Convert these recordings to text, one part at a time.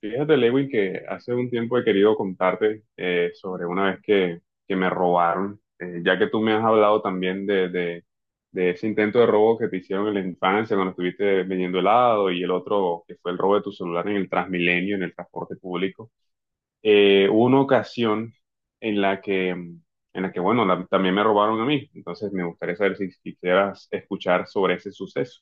Fíjate, Lewin, que hace un tiempo he querido contarte sobre una vez que me robaron, ya que tú me has hablado también de ese intento de robo que te hicieron en la infancia cuando estuviste vendiendo helado y el otro que fue el robo de tu celular en el Transmilenio, en el transporte público. Hubo una ocasión en la que bueno, también me robaron a mí, entonces me gustaría saber si quisieras escuchar sobre ese suceso.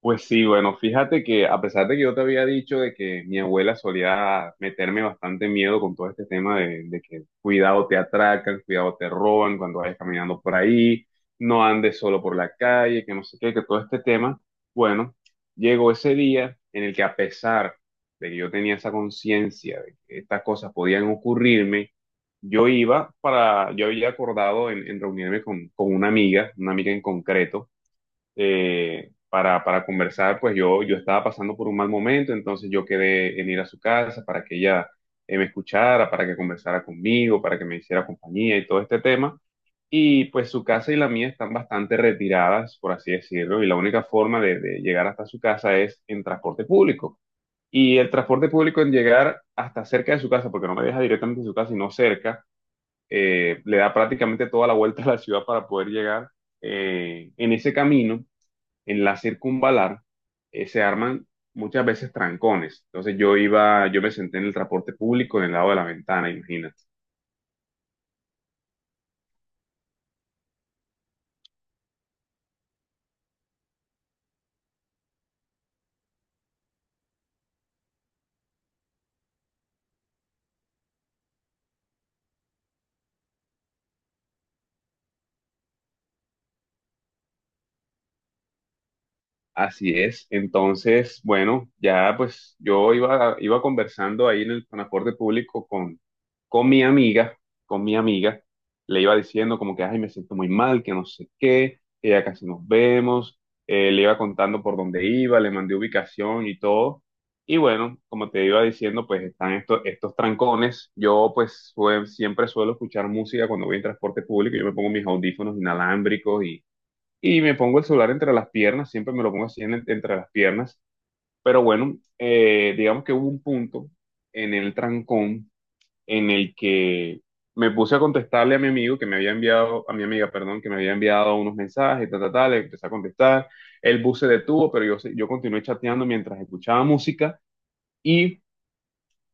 Pues sí, bueno, fíjate que a pesar de que yo te había dicho de que mi abuela solía meterme bastante miedo con todo este tema de que cuidado te atracan, cuidado te roban cuando vayas caminando por ahí, no andes solo por la calle, que no sé qué, que todo este tema, bueno, llegó ese día en el que a pesar de que yo tenía esa conciencia de que estas cosas podían ocurrirme, yo iba para, yo había acordado en reunirme con una amiga en concreto para conversar, pues yo estaba pasando por un mal momento, entonces yo quedé en ir a su casa para que ella me escuchara, para que conversara conmigo, para que me hiciera compañía y todo este tema. Y pues su casa y la mía están bastante retiradas, por así decirlo, y la única forma de llegar hasta su casa es en transporte público. Y el transporte público en llegar hasta cerca de su casa, porque no me deja directamente en su casa, sino cerca, le da prácticamente toda la vuelta a la ciudad para poder llegar. En ese camino en la circunvalar se arman muchas veces trancones. Entonces yo iba, yo me senté en el transporte público en el lado de la ventana, imagínate. Así es. Entonces, bueno, ya pues yo iba, iba conversando ahí en el transporte público con mi amiga, con mi amiga. Le iba diciendo como que, ay, me siento muy mal, que no sé qué, que ya casi nos vemos. Le iba contando por dónde iba, le mandé ubicación y todo. Y bueno, como te iba diciendo, pues están estos trancones. Yo pues siempre suelo escuchar música cuando voy en transporte público. Yo me pongo mis audífonos inalámbricos y me pongo el celular entre las piernas, siempre me lo pongo así entre las piernas, pero bueno, digamos que hubo un punto en el trancón en el que me puse a contestarle a mi amigo que me había enviado, a mi amiga, perdón, que me había enviado unos mensajes, tal, tal, tal, le empecé a contestar, el bus se detuvo, pero yo, yo continué chateando mientras escuchaba música y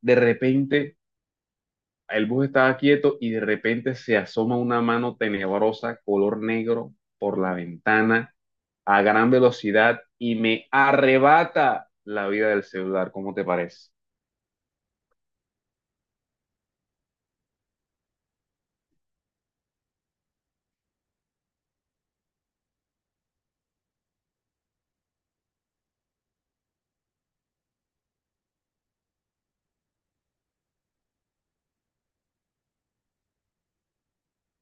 de repente el bus estaba quieto y de repente se asoma una mano tenebrosa, color negro, por la ventana a gran velocidad y me arrebata la vida del celular. ¿Cómo te parece?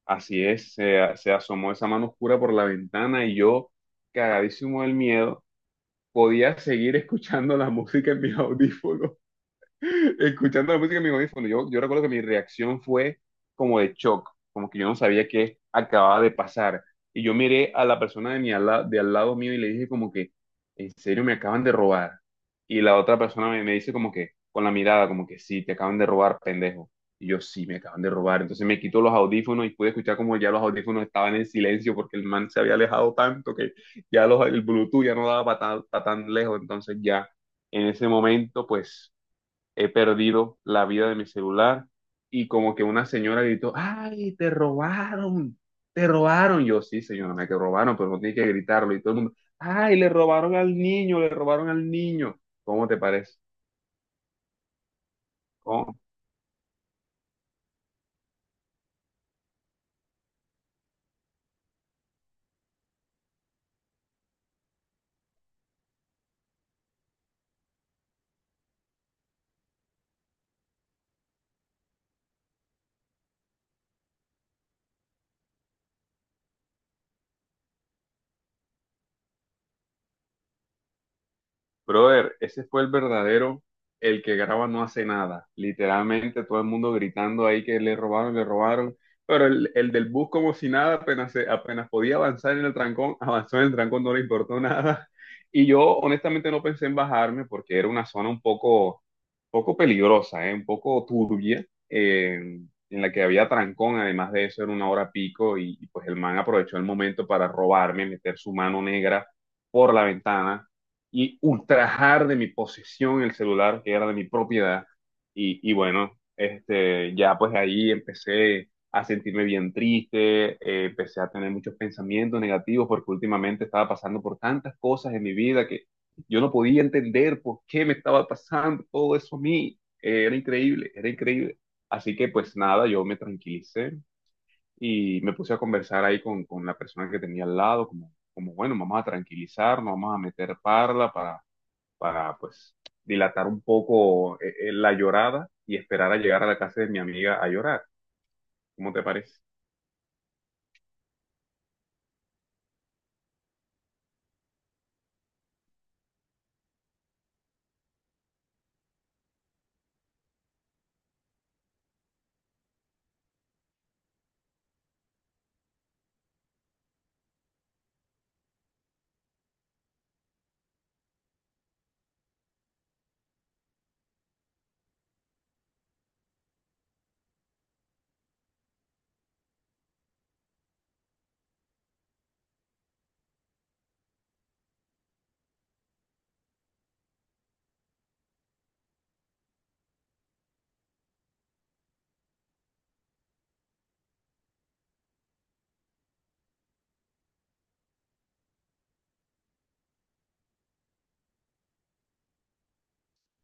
Así es, se asomó esa mano oscura por la ventana y yo, cagadísimo del miedo, podía seguir escuchando la música en mis audífonos. Escuchando la música en mi audífono, yo recuerdo que mi reacción fue como de shock, como que yo no sabía qué acababa de pasar. Y yo miré a la persona de al lado mío y le dije como que, ¿en serio me acaban de robar? Y la otra persona me dice como que, con la mirada, como que sí, te acaban de robar, pendejo. Y yo sí, me acaban de robar. Entonces me quito los audífonos y pude escuchar como ya los audífonos estaban en silencio porque el man se había alejado tanto que ya el Bluetooth ya no daba para tan lejos. Entonces ya en ese momento, pues he perdido la vida de mi celular y como que una señora gritó, ay, te robaron, te robaron. Yo, sí, señora, me que robaron, pero no tiene que gritarlo y todo el mundo, ay, le robaron al niño, le robaron al niño. ¿Cómo te parece? ¿Cómo? Brother, ese fue el verdadero, el que graba no hace nada. Literalmente todo el mundo gritando ahí que le robaron, le robaron. Pero el del bus como si nada, apenas, apenas podía avanzar en el trancón, avanzó en el trancón, no le importó nada. Y yo honestamente no pensé en bajarme porque era una zona poco peligrosa, ¿eh? Un poco turbia, en la que había trancón. Además de eso, era una hora pico y pues el man aprovechó el momento para robarme, meter su mano negra por la ventana y ultrajar de mi posesión el celular que era de mi propiedad. Y bueno, este, ya pues ahí empecé a sentirme bien triste, empecé a tener muchos pensamientos negativos porque últimamente estaba pasando por tantas cosas en mi vida que yo no podía entender por qué me estaba pasando todo eso a mí. Era increíble, era increíble. Así que pues nada, yo me tranquilicé y me puse a conversar ahí con la persona que tenía al lado, como como, bueno, vamos a tranquilizarnos, vamos a meter parla para pues dilatar un poco la llorada y esperar a llegar a la casa de mi amiga a llorar. ¿Cómo te parece?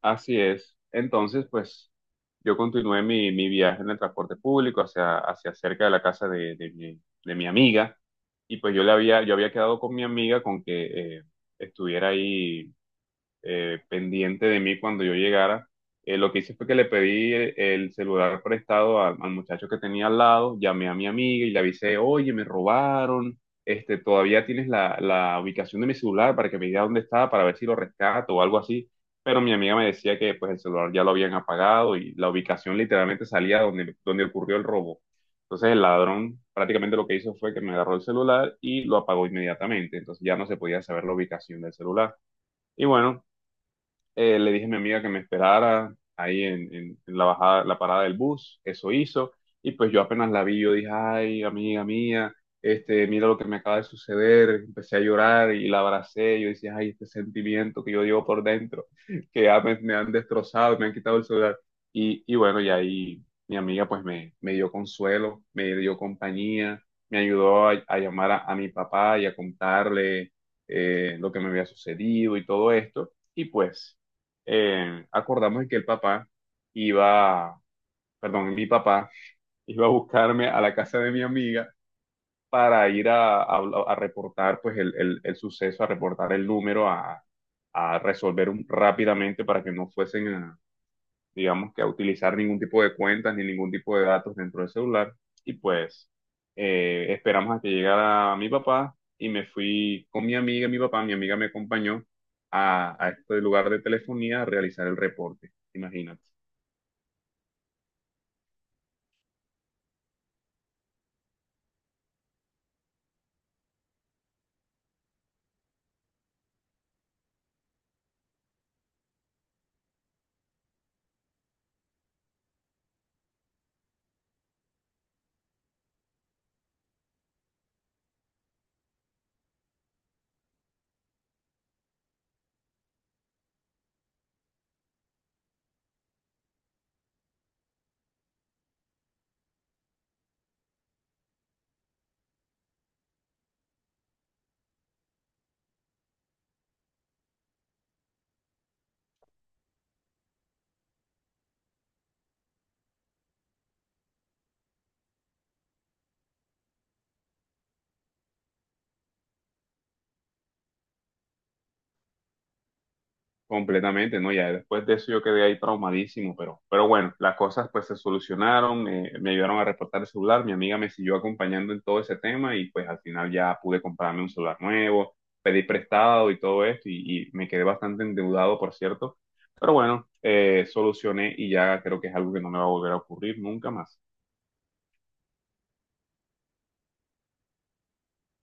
Así es. Entonces, pues yo continué mi viaje en el transporte público hacia, hacia cerca de la casa de mi amiga y pues yo le había, yo había quedado con mi amiga con que estuviera ahí pendiente de mí cuando yo llegara. Lo que hice fue que le pedí el celular prestado al muchacho que tenía al lado, llamé a mi amiga y le avisé, oye, me robaron, este, todavía tienes la ubicación de mi celular para que me diga dónde está, para ver si lo rescato o algo así. Pero mi amiga me decía que pues el celular ya lo habían apagado y la ubicación literalmente salía donde, donde ocurrió el robo. Entonces el ladrón prácticamente lo que hizo fue que me agarró el celular y lo apagó inmediatamente. Entonces ya no se podía saber la ubicación del celular. Y bueno, le dije a mi amiga que me esperara ahí en la bajada, la parada del bus, eso hizo, y pues yo apenas la vi, yo dije, ay, amiga mía, este, mira lo que me acaba de suceder, empecé a llorar y la abracé, yo decía, ay, este sentimiento que yo llevo por dentro, que ya me han destrozado, me han quitado el celular, y bueno, y ahí mi amiga pues me dio consuelo, me dio compañía, me ayudó a llamar a mi papá y a contarle lo que me había sucedido y todo esto. Y pues acordamos que el papá iba, perdón, mi papá iba a buscarme a la casa de mi amiga para ir a reportar pues el suceso, a reportar el número, a resolver rápidamente para que no fuesen digamos que a utilizar ningún tipo de cuentas ni ningún tipo de datos dentro del celular. Y pues esperamos a que llegara mi papá y me fui con mi amiga, y mi papá, mi amiga me acompañó a este lugar de telefonía a realizar el reporte, imagínate. Completamente, ¿no? Ya después de eso yo quedé ahí traumadísimo, pero bueno, las cosas pues se solucionaron, me ayudaron a reportar el celular, mi amiga me siguió acompañando en todo ese tema y pues al final ya pude comprarme un celular nuevo, pedí prestado y todo esto y me quedé bastante endeudado, por cierto, pero bueno, solucioné y ya creo que es algo que no me va a volver a ocurrir nunca más.